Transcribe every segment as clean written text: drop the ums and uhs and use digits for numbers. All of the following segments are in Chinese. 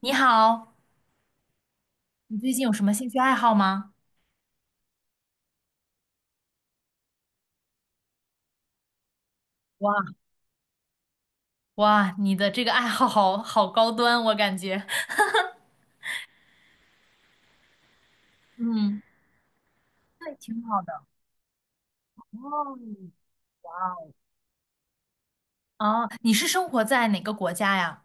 你好，你最近有什么兴趣爱好吗？哇哇，你的这个爱好好好高端，我感觉。嗯，对，挺好的哦，哇哦，哦，你是生活在哪个国家呀？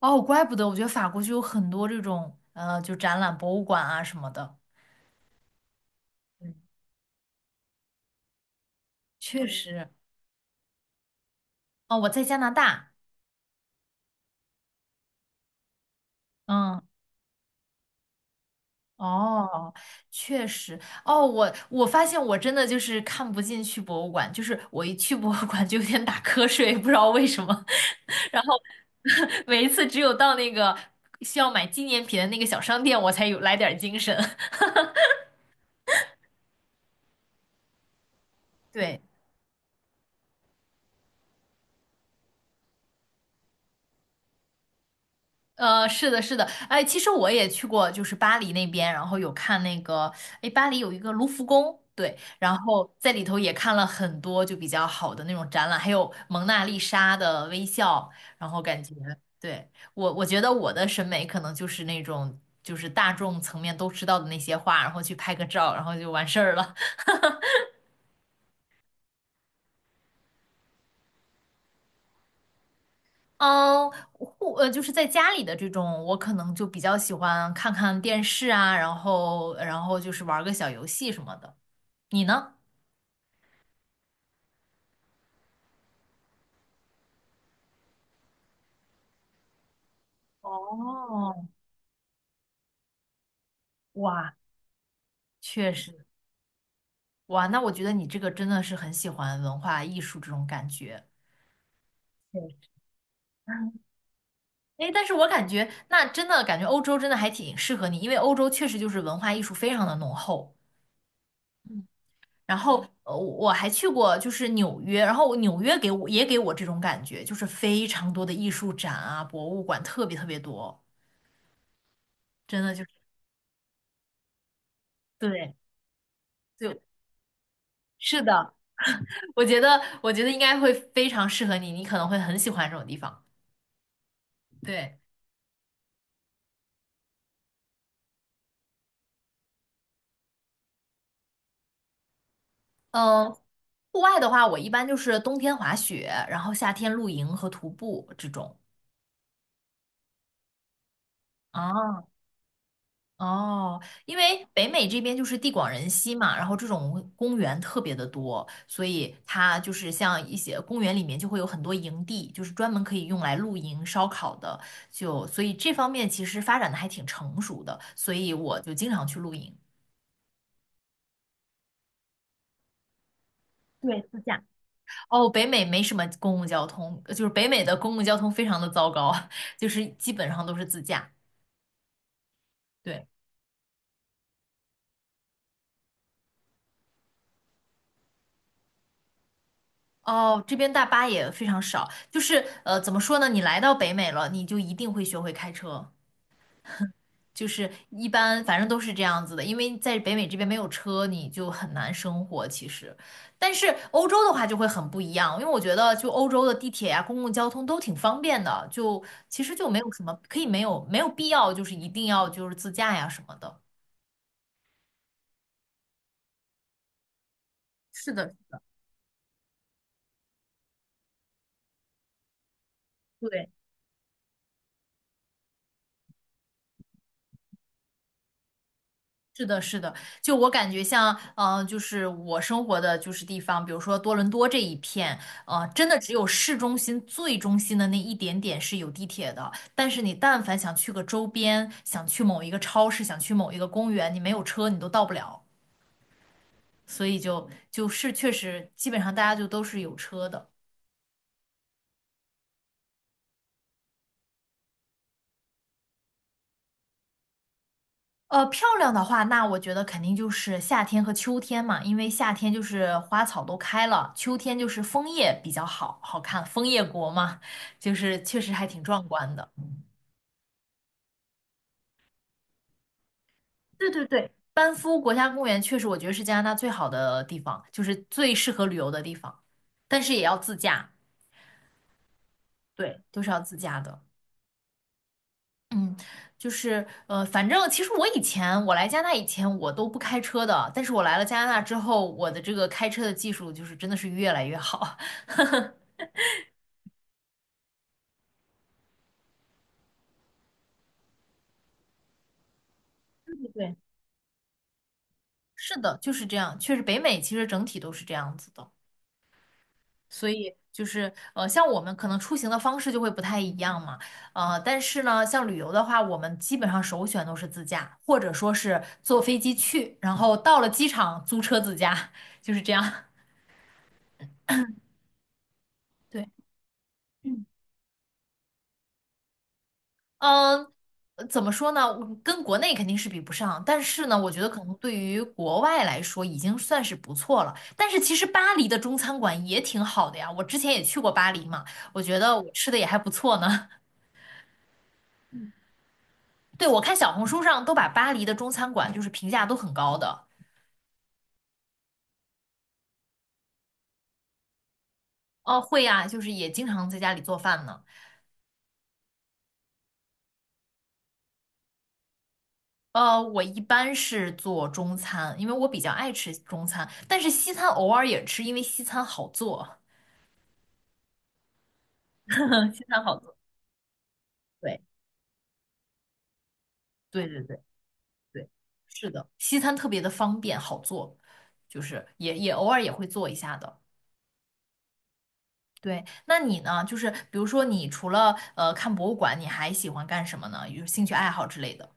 哦，怪不得，我觉得法国就有很多这种就展览、博物馆啊什么的。嗯，确实，哦，我在加拿大。嗯，哦，确实，哦，我发现我真的就是看不进去博物馆，就是我一去博物馆就有点打瞌睡，不知道为什么。然后 每一次只有到那个需要买纪念品的那个小商店，我才有来点儿精神。对。呃，是的，是的，哎，其实我也去过，就是巴黎那边，然后有看那个，哎，巴黎有一个卢浮宫，对，然后在里头也看了很多就比较好的那种展览，还有蒙娜丽莎的微笑，然后感觉，对，我觉得我的审美可能就是那种就是大众层面都知道的那些画，然后去拍个照，然后就完事儿了。嗯，就是在家里的这种，我可能就比较喜欢看看电视啊，然后就是玩个小游戏什么的。你呢？哦，哇，确实，哇，那我觉得你这个真的是很喜欢文化艺术这种感觉。对，哎，但是我感觉那真的感觉欧洲真的还挺适合你，因为欧洲确实就是文化艺术非常的浓厚。然后，呃，我还去过就是纽约，然后纽约给我这种感觉，就是非常多的艺术展啊、博物馆特别特别多，真的就是对对，是的，我觉得应该会非常适合你，你可能会很喜欢这种地方。对。嗯，户外的话，我一般就是冬天滑雪，然后夏天露营和徒步这种。啊，哦，因为北美这边就是地广人稀嘛，然后这种公园特别的多，所以它就是像一些公园里面就会有很多营地，就是专门可以用来露营、烧烤的，就所以这方面其实发展的还挺成熟的，所以我就经常去露营。对，自驾。哦，北美没什么公共交通，就是北美的公共交通非常的糟糕，就是基本上都是自驾。对，哦，这边大巴也非常少，就是呃，怎么说呢？你来到北美了，你就一定会学会开车，就是一般反正都是这样子的，因为在北美这边没有车，你就很难生活其实。但是欧洲的话就会很不一样，因为我觉得就欧洲的地铁呀、公共交通都挺方便的，就其实就没有什么可以没有必要就是一定要就是自驾呀什么的。是的，对，是的，是的，就我感觉像，呃，就是我生活的就是地方，比如说多伦多这一片，呃，真的只有市中心最中心的那一点点是有地铁的，但是你但凡想去个周边，想去某一个超市，想去某一个公园，你没有车你都到不了，所以就是确实基本上大家就都是有车的。呃，漂亮的话，那我觉得肯定就是夏天和秋天嘛，因为夏天就是花草都开了，秋天就是枫叶比较好看，枫叶国嘛，就是确实还挺壮观的。对对对，班夫国家公园确实我觉得是加拿大最好的地方，就是最适合旅游的地方，但是也要自驾，对，都是要自驾的。嗯，就是呃，反正其实我以前我来加拿大以前我都不开车的，但是我来了加拿大之后，我的这个开车的技术就是真的是越来越好。对是的，就是这样。确实，北美其实整体都是这样子的，所以就是呃，像我们可能出行的方式就会不太一样嘛。呃，但是呢，像旅游的话，我们基本上首选都是自驾，或者说是坐飞机去，然后到了机场租车自驾，就是这样。对。嗯，呃怎么说呢？我跟国内肯定是比不上，但是呢，我觉得可能对于国外来说已经算是不错了。但是其实巴黎的中餐馆也挺好的呀，我之前也去过巴黎嘛，我觉得我吃的也还不错呢。对，我看小红书上都把巴黎的中餐馆就是评价都很高的。哦，会呀，就是也经常在家里做饭呢。呃，我一般是做中餐，因为我比较爱吃中餐，但是西餐偶尔也吃，因为西餐好做，西餐好做。对，对对对。对，是的，西餐特别的方便好做，就是也偶尔也会做一下的。对，那你呢？就是比如说，你除了看博物馆，你还喜欢干什么呢？有兴趣爱好之类的？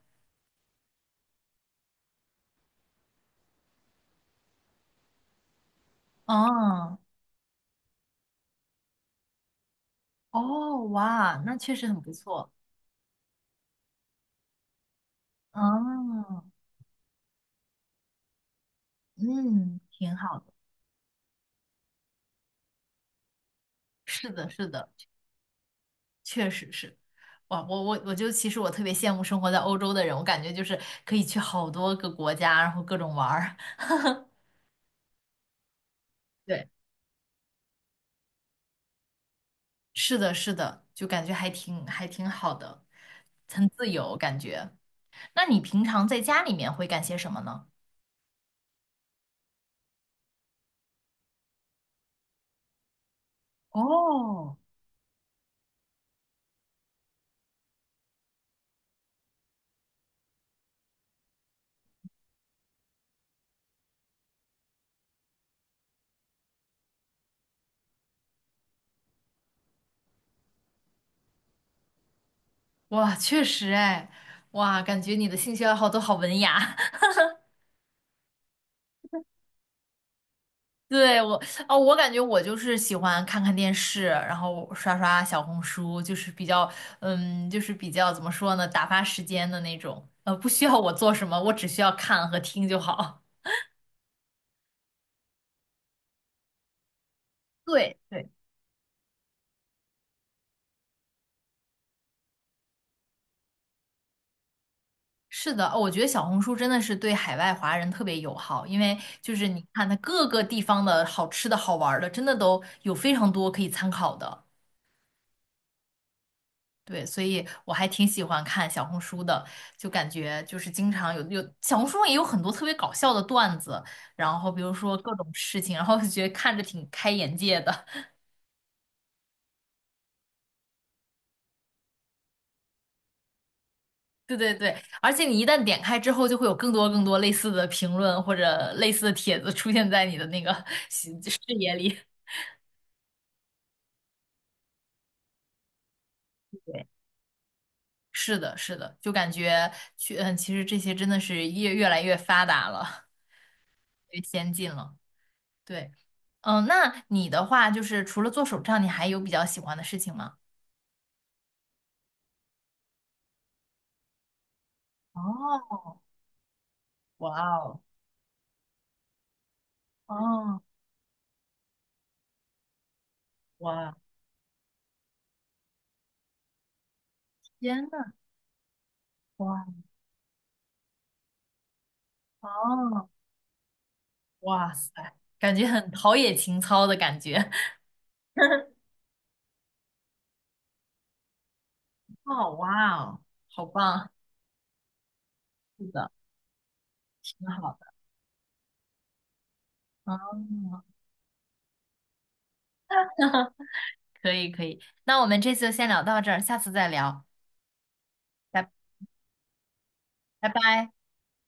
哦哦，哇，那确实很不错。哦，嗯，挺好的。是的，是的，确实是。哇，我就其实我特别羡慕生活在欧洲的人，我感觉就是可以去好多个国家，然后各种玩儿。对。是的，是的，就感觉还挺好的，很自由感觉。那你平常在家里面会干些什么呢？哦，哇，确实哎，哇，感觉你的兴趣爱好都好文雅。对，我，哦，我感觉我就是喜欢看看电视，然后刷刷小红书，就是比较，嗯，就是比较怎么说呢，打发时间的那种。呃，不需要我做什么，我只需要看和听就好。对，对，是的，哦我觉得小红书真的是对海外华人特别友好，因为就是你看它各个地方的好吃的好玩儿的，真的都有非常多可以参考的。对，所以我还挺喜欢看小红书的，就感觉就是经常有小红书上也有很多特别搞笑的段子，然后比如说各种事情，然后就觉得看着挺开眼界的。对对对，而且你一旦点开之后，就会有更多类似的评论或者类似的帖子出现在你的那个 视野里。是的，是的，就感觉去，嗯，其实这些真的是越来越发达了，越先进了。对，嗯，那你的话就是除了做手账，你还有比较喜欢的事情吗？哦，哇哦，哦，哇，天呐，哇，哦，哇塞，感觉很陶冶情操的感觉。哦，哇哦，好棒 是的，挺好的。哦，可以，可以，那我们这次就先聊到这儿，下次再聊，拜拜拜。